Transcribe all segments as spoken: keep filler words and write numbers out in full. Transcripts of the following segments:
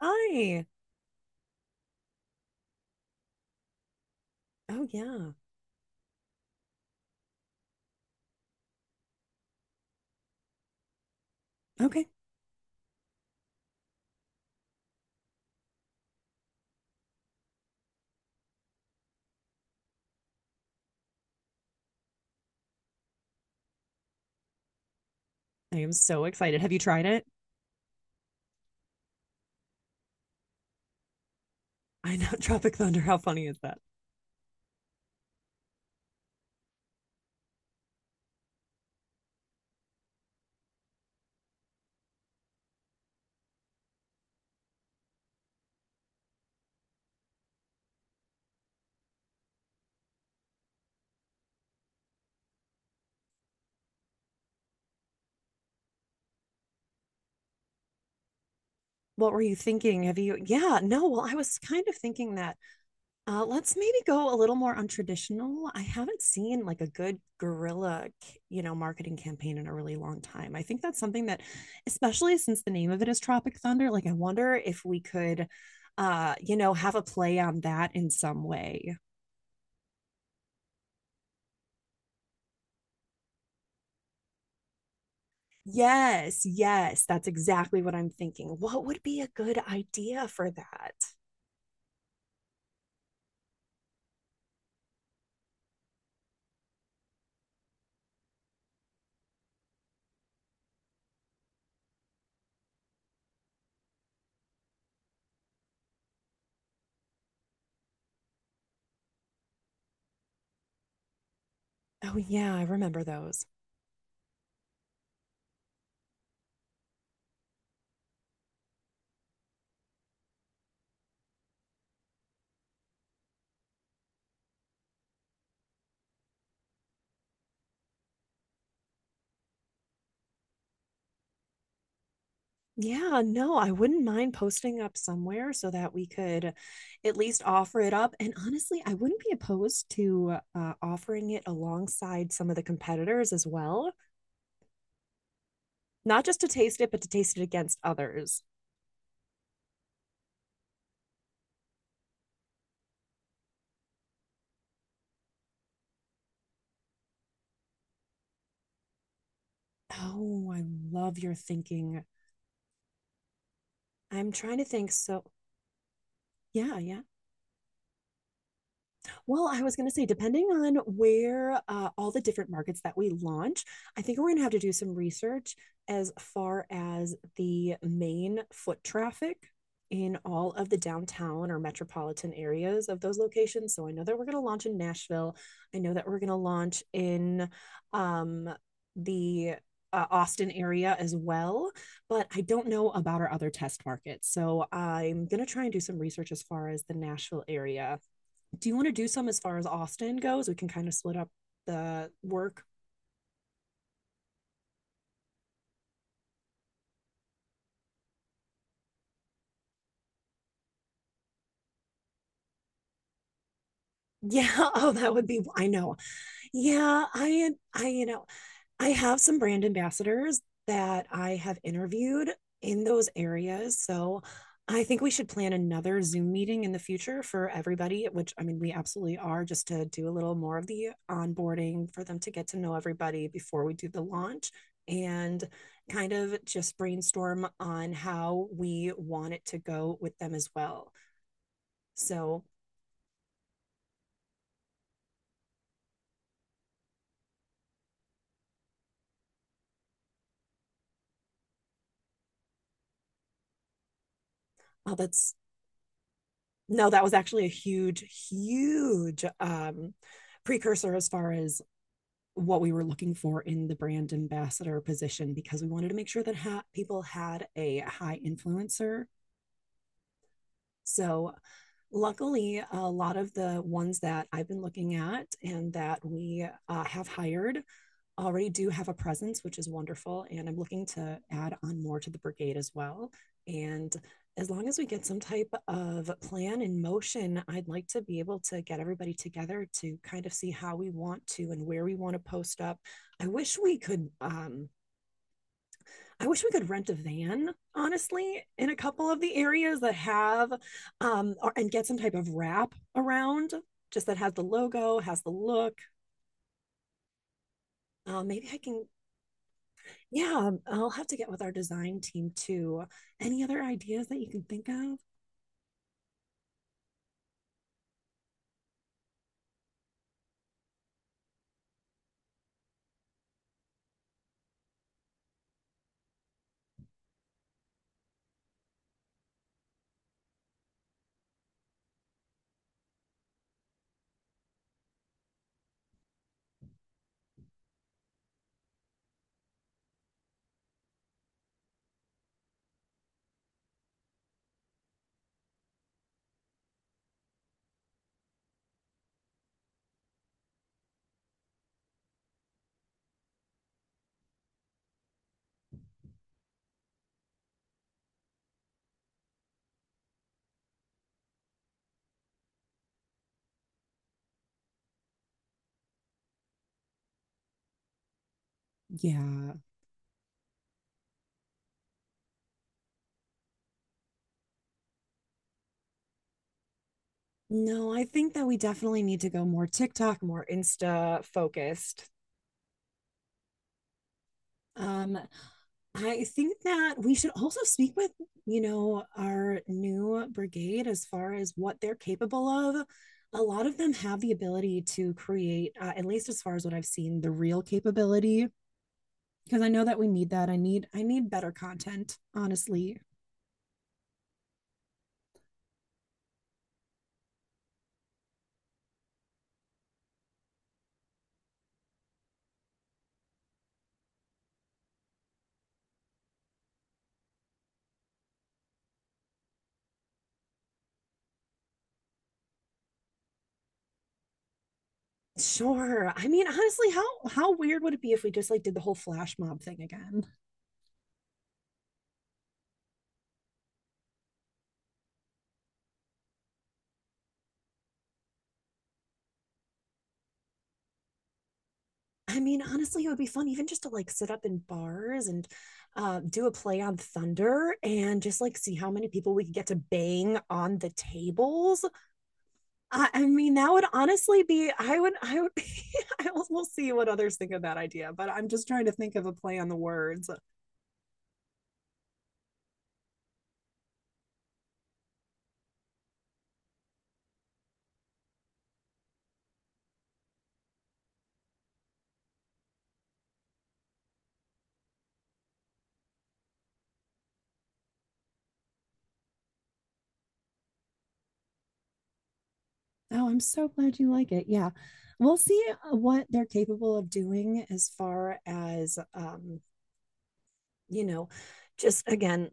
Hi. Oh, yeah. Okay. I am so excited. Have you tried it? I know. Tropic Thunder. How funny is that? What were you thinking? Have you? Yeah. No. Well, I was kind of thinking that. Uh, let's maybe go a little more untraditional. I haven't seen like a good guerrilla, you know, marketing campaign in a really long time. I think that's something that, especially since the name of it is Tropic Thunder, like I wonder if we could, uh, you know, have a play on that in some way. Yes, yes, that's exactly what I'm thinking. What would be a good idea for that? Oh, yeah, I remember those. Yeah, no, I wouldn't mind posting up somewhere so that we could at least offer it up. And honestly, I wouldn't be opposed to uh, offering it alongside some of the competitors as well, not just to taste it, but to taste it against others. Oh, I love your thinking. I'm trying to think. So, yeah, yeah. Well, I was going to say, depending on where uh, all the different markets that we launch, I think we're going to have to do some research as far as the main foot traffic in all of the downtown or metropolitan areas of those locations. So I know that we're going to launch in Nashville. I know that we're going to launch in um, the uh, Austin area as well, but I don't know about our other test markets. So I'm going to try and do some research as far as the Nashville area. Do you want to do some as far as Austin goes? We can kind of split up the work. Yeah. Oh, that would be, I know. Yeah. I, I, you know, I have some brand ambassadors that I have interviewed in those areas. So I think we should plan another Zoom meeting in the future for everybody, which I mean, we absolutely are, just to do a little more of the onboarding for them to get to know everybody before we do the launch and kind of just brainstorm on how we want it to go with them as well. So, oh, that's — no, that was actually a huge, huge um, precursor as far as what we were looking for in the brand ambassador position because we wanted to make sure that ha- people had a high influencer. So, luckily, a lot of the ones that I've been looking at and that we uh, have hired already do have a presence, which is wonderful. And I'm looking to add on more to the brigade as well. And as long as we get some type of plan in motion, I'd like to be able to get everybody together to kind of see how we want to and where we want to post up. I wish we could um I wish we could rent a van, honestly, in a couple of the areas that have um or, and get some type of wrap around, just that has the logo, has the look. Uh, maybe I can — yeah, I'll have to get with our design team too. Any other ideas that you can think of? Yeah. No, I think that we definitely need to go more TikTok, more Insta focused. Um, I think that we should also speak with, you know, our new brigade as far as what they're capable of. A lot of them have the ability to create, uh, at least as far as what I've seen, the real capability. Because I know that we need that. I need I need better content, honestly. Sure. I mean, honestly, how how weird would it be if we just like did the whole flash mob thing again? I mean, honestly, it would be fun even just to like sit up in bars and uh, do a play on thunder and just like see how many people we could get to bang on the tables. I, I mean, that would honestly be. I would. I would. I will, we'll see what others think of that idea. But I'm just trying to think of a play on the words. Oh, I'm so glad you like it. Yeah, we'll see uh, what they're capable of doing as far as um, you know, just again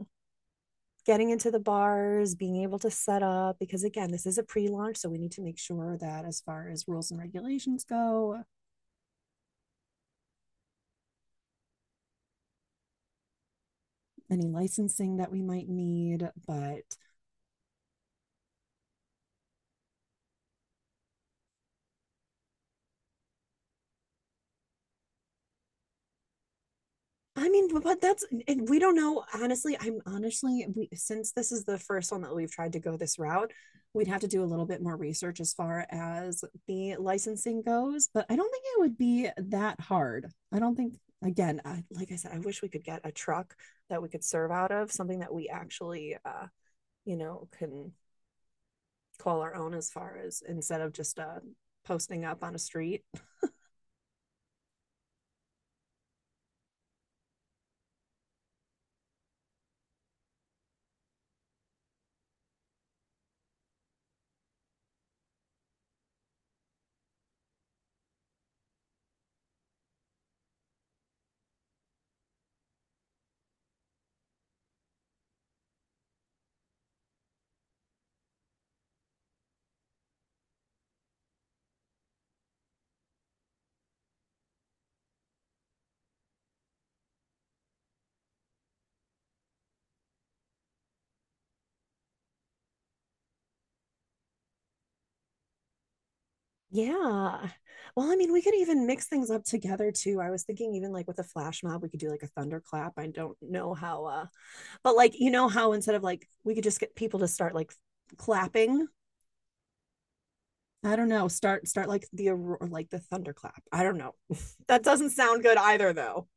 getting into the bars, being able to set up, because again, this is a pre launch. So we need to make sure that as far as rules and regulations go, any licensing that we might need. But I mean, but that's — and we don't know. Honestly, I'm honestly we, since this is the first one that we've tried to go this route, we'd have to do a little bit more research as far as the licensing goes. But I don't think it would be that hard. I don't think. Again, I, like I said, I wish we could get a truck that we could serve out of, something that we actually, uh, you know, can call our own, as far as instead of just uh, posting up on a street. Yeah. Well, I mean, we could even mix things up together too. I was thinking even like with a flash mob, we could do like a thunderclap. I don't know how uh but like, you know how, instead of like, we could just get people to start like clapping. I don't know. Start start like the aurora, like the thunderclap. I don't know. That doesn't sound good either, though.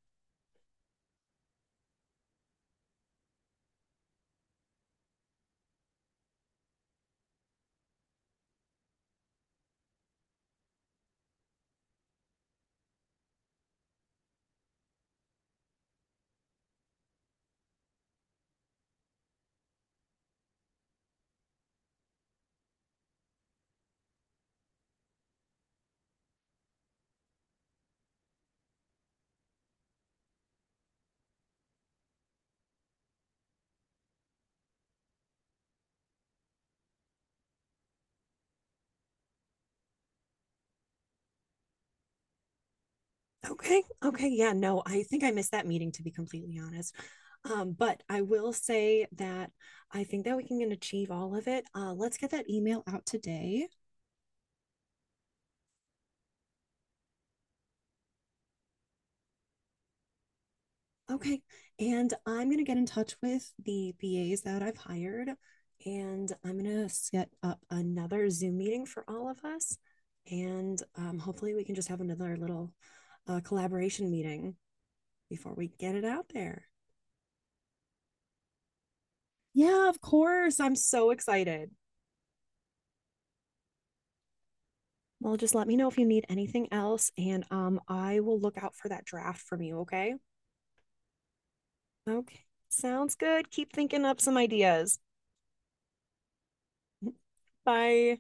Okay. Okay. Yeah. No, I think I missed that meeting, to be completely honest. Um, but I will say that I think that we can achieve all of it. Uh, let's get that email out today. Okay. And I'm going to get in touch with the B As that I've hired, and I'm going to set up another Zoom meeting for all of us. And um, hopefully, we can just have another little uh, collaboration meeting before we get it out there. Yeah, of course. I'm so excited. Well, just let me know if you need anything else, and um, I will look out for that draft from you, okay? Okay. Sounds good. Keep thinking up some ideas. Bye.